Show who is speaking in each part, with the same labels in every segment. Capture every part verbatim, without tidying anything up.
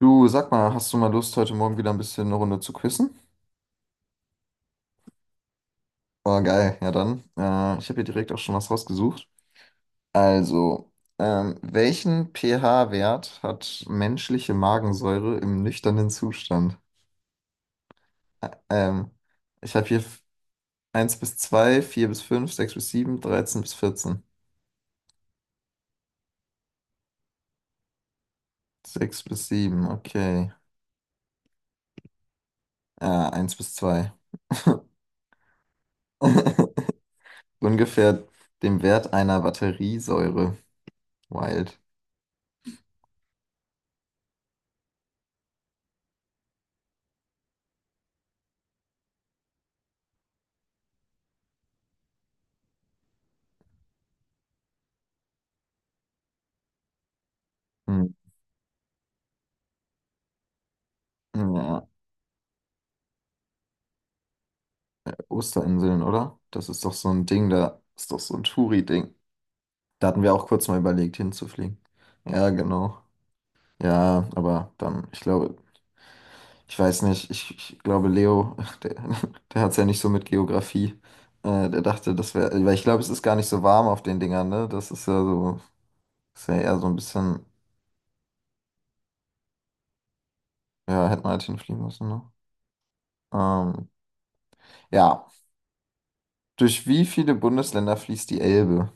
Speaker 1: Du, sag mal, hast du mal Lust, heute Morgen wieder ein bisschen eine Runde zu quizzen? Oh, geil, ja dann. Äh, ich habe hier direkt auch schon was rausgesucht. Also, ähm, welchen pH-Wert hat menschliche Magensäure im nüchternen Zustand? Ä- Ähm, ich habe hier f- eins bis zwei, vier bis fünf, sechs bis sieben, dreizehn bis vierzehn. Sechs bis sieben. Okay. Äh, eins bis zwei. Ungefähr dem Wert einer Batteriesäure. Wild. Hm. Ja. Osterinseln, oder? Das ist doch so ein Ding, da ist doch so ein Touri-Ding. Da hatten wir auch kurz mal überlegt, hinzufliegen. Ja, genau. Ja, aber dann, ich glaube, ich weiß nicht, ich, ich glaube, Leo, der, der hat es ja nicht so mit Geografie. Äh, der dachte, das wäre, weil ich glaube, es ist gar nicht so warm auf den Dingern, ne? Das ist ja so, ist ja eher so ein bisschen, ja, hätten wir halt hinfliegen müssen, ne? Ähm, ja, durch wie viele Bundesländer fließt die Elbe?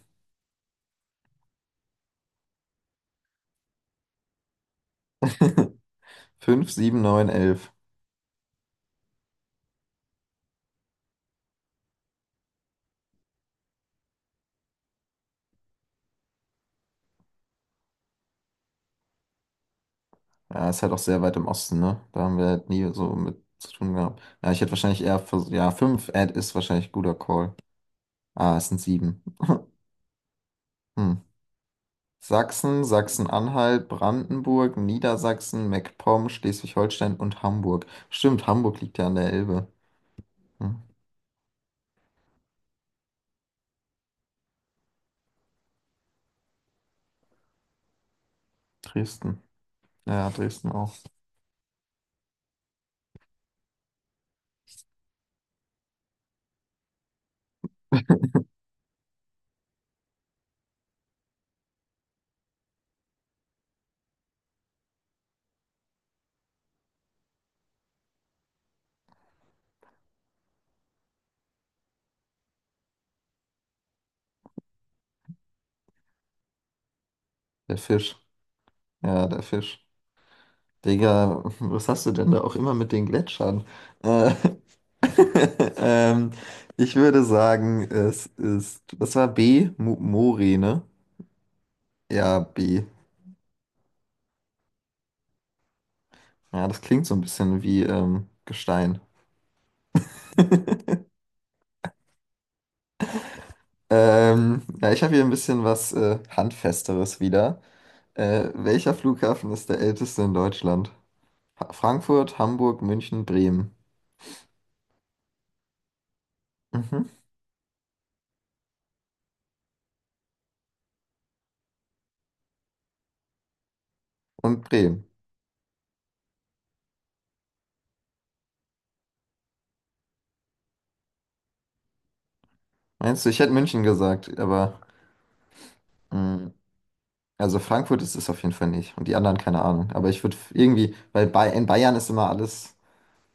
Speaker 1: Fünf, sieben, neun, elf. Ja, ist halt auch sehr weit im Osten, ne? Da haben wir halt nie so mit zu tun gehabt. Ja, ich hätte wahrscheinlich eher vers- ja, fünf Ad ist wahrscheinlich guter Call. Ah, es sind sieben. Hm. Sachsen, Sachsen-Anhalt, Brandenburg, Niedersachsen, MacPom, Schleswig-Holstein und Hamburg. Stimmt, Hamburg liegt ja an der Elbe. Hm. Dresden. Ja, Dresden auch. Der Fisch. Ja, der Fisch. Digga, was hast du denn da auch immer mit den Gletschern? Äh, ähm, ich würde sagen, es ist, das war B, Mo Mori, ne? Ja, B. Ja, das klingt so ein bisschen wie ähm, Gestein. Ähm, ja, ich habe hier ein bisschen was äh, Handfesteres wieder. Äh, welcher Flughafen ist der älteste in Deutschland? Ha Frankfurt, Hamburg, München, Bremen. Mhm. Und Bremen. Meinst du, ich hätte München gesagt, aber mm, also Frankfurt ist es auf jeden Fall nicht. Und die anderen, keine Ahnung. Aber ich würde irgendwie, weil bei, in Bayern ist immer alles,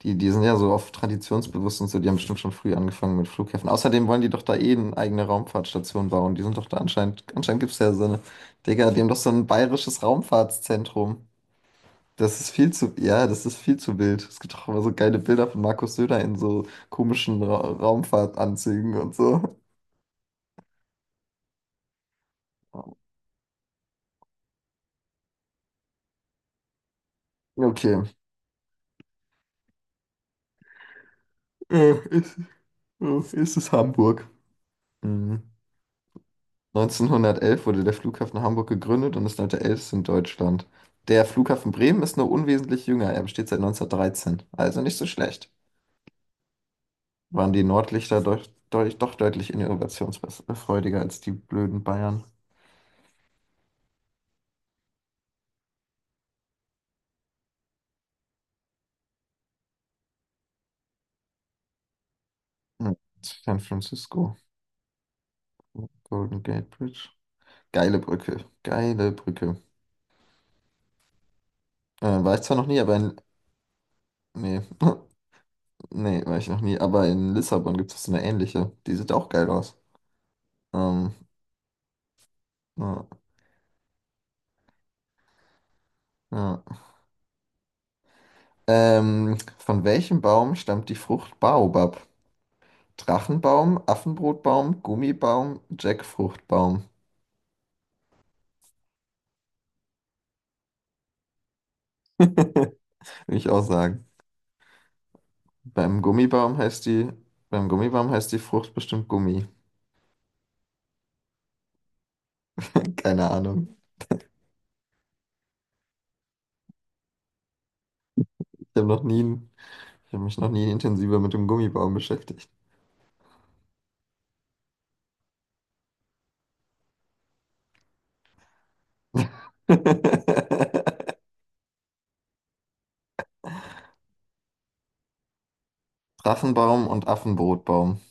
Speaker 1: die, die sind ja so oft traditionsbewusst und so, die haben bestimmt schon früh angefangen mit Flughäfen. Außerdem wollen die doch da eh eine eigene Raumfahrtstation bauen. Die sind doch da anscheinend, anscheinend gibt es ja so eine, Digga, die haben doch so ein bayerisches Raumfahrtszentrum. Das ist viel zu, ja, das ist viel zu wild. Es gibt doch immer so geile Bilder von Markus Söder in so komischen Ra Raumfahrtanzügen und so. Okay. Äh, ist, äh, ist es Hamburg? Mhm. neunzehnhundertelf wurde der Flughafen Hamburg gegründet und ist heute der älteste in Deutschland. Der Flughafen Bremen ist nur unwesentlich jünger, er besteht seit neunzehnhundertdreizehn, also nicht so schlecht. Waren die Nordlichter doch, doch, doch deutlich innovationsfreudiger als die blöden Bayern. Hm. San Francisco, Golden Gate Bridge. Geile Brücke, geile Brücke. Äh, war ich zwar noch nie, aber in... Nee, nee, war ich noch nie, aber in Lissabon gibt es so eine ähnliche. Die sieht auch geil aus. Ähm, ja, ja. Ähm, von welchem Baum stammt die Frucht Baobab? Drachenbaum, Affenbrotbaum, Gummibaum, Jackfruchtbaum. Will ich auch sagen. Beim Gummibaum heißt die, beim Gummibaum heißt die Frucht bestimmt Gummi. Keine Ahnung. Ich habe noch nie, ich habe mich noch nie intensiver mit dem Gummibaum beschäftigt. Drachenbaum und Affenbrotbaum.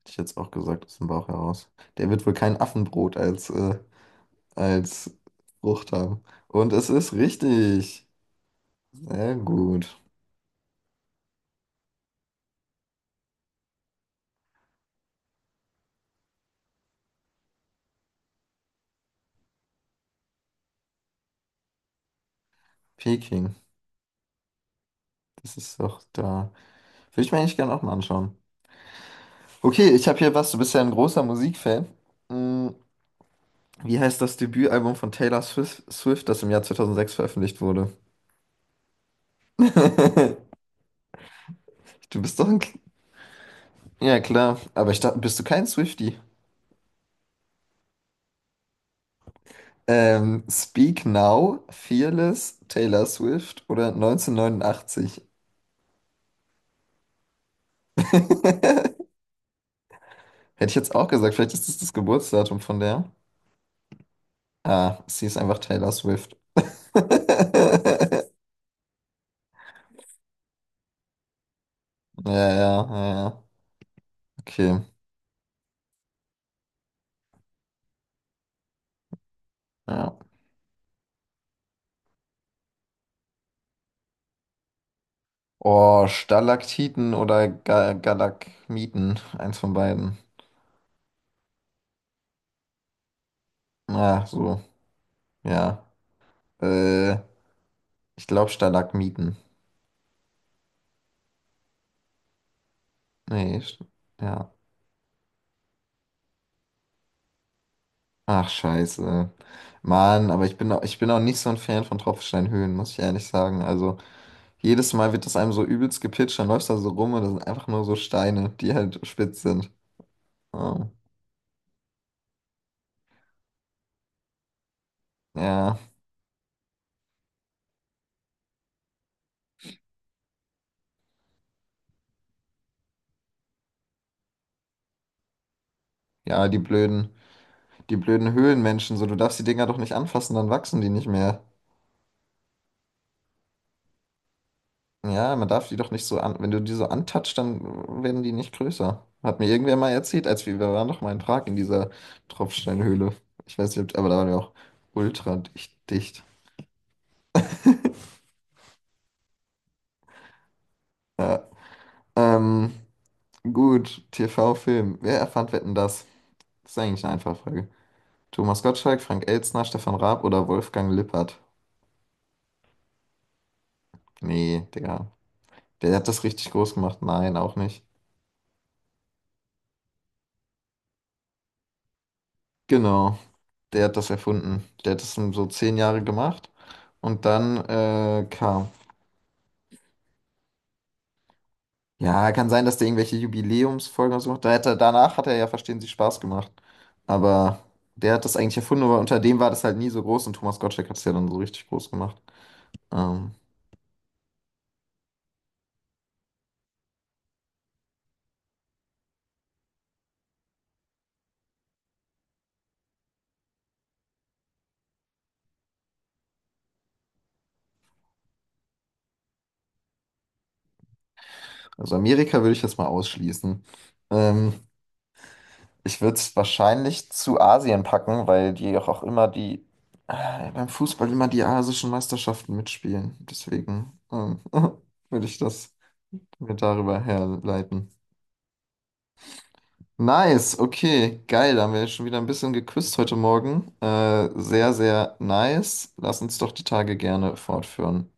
Speaker 1: Hätte ich jetzt auch gesagt, aus dem Bauch heraus. Der wird wohl kein Affenbrot als, äh, als Frucht haben. Und es ist richtig. Sehr gut. Peking. Das ist doch da. Würde ich mir eigentlich gerne auch mal anschauen. Okay, ich habe hier was. Du bist ja ein großer Musikfan. Mm, Wie heißt das Debütalbum von Taylor Swift, Swift, das im Jahr zweitausendsechs veröffentlicht wurde? Du bist doch ein... K- Ja, klar. Aber ich dachte, bist du kein Swiftie? Ähm, Speak Now, Fearless, Taylor Swift oder neunzehnhundertneunundachtzig? Hätte ich jetzt auch gesagt, vielleicht ist das das Geburtsdatum von der. Ah, sie ist einfach Taylor Swift. Ja, ja, ja, ja. Okay. Ja. Oh, Stalaktiten oder Ga Galakmiten. Eins von beiden. Ah, so. Ja. Äh, Ich glaube Stalagmiten. Nee, st- ja. Ach, scheiße. Mann, aber ich bin auch, ich bin auch nicht so ein Fan von Tropfsteinhöhlen, muss ich ehrlich sagen. Also, jedes Mal wird das einem so übelst gepitcht, dann läufst du da so rum und das sind einfach nur so Steine, die halt spitz sind. Oh, ja. Ja, die blöden. Die blöden Höhlenmenschen, so, du darfst die Dinger doch nicht anfassen, dann wachsen die nicht mehr. Ja, man darf die doch nicht so an, wenn du die so antatschst, dann werden die nicht größer. Hat mir irgendwer mal erzählt, als wir, wir waren doch mal in Prag in dieser Tropfsteinhöhle. Ich weiß nicht, ob- aber da waren wir auch ultra dicht. Dicht. Ja. Ähm, gut, T V-Film. Wer erfand Wetten, das? Das ist eigentlich eine einfache Frage. Thomas Gottschalk, Frank Elstner, Stefan Raab oder Wolfgang Lippert? Nee, Digga. Der hat das richtig groß gemacht. Nein, auch nicht. Genau. Der hat das erfunden. Der hat das so zehn Jahre gemacht. Und dann äh, kam. Ja, kann sein, dass der irgendwelche Jubiläumsfolgen oder so macht. Da hat er, danach hat er ja Verstehen Sie Spaß gemacht. Aber der hat das eigentlich erfunden, aber unter dem war das halt nie so groß und Thomas Gottschalk hat es ja dann so richtig groß gemacht. Ähm, also Amerika würde ich jetzt mal ausschließen. Ähm, Ich würde es wahrscheinlich zu Asien packen, weil die auch, auch immer die, äh, beim Fußball immer die asischen Meisterschaften mitspielen. Deswegen ähm, würde ich das. Wir darüber herleiten. Nice, okay, geil. Da haben wir schon wieder ein bisschen geküsst heute Morgen. Äh, sehr, sehr nice. Lass uns doch die Tage gerne fortführen.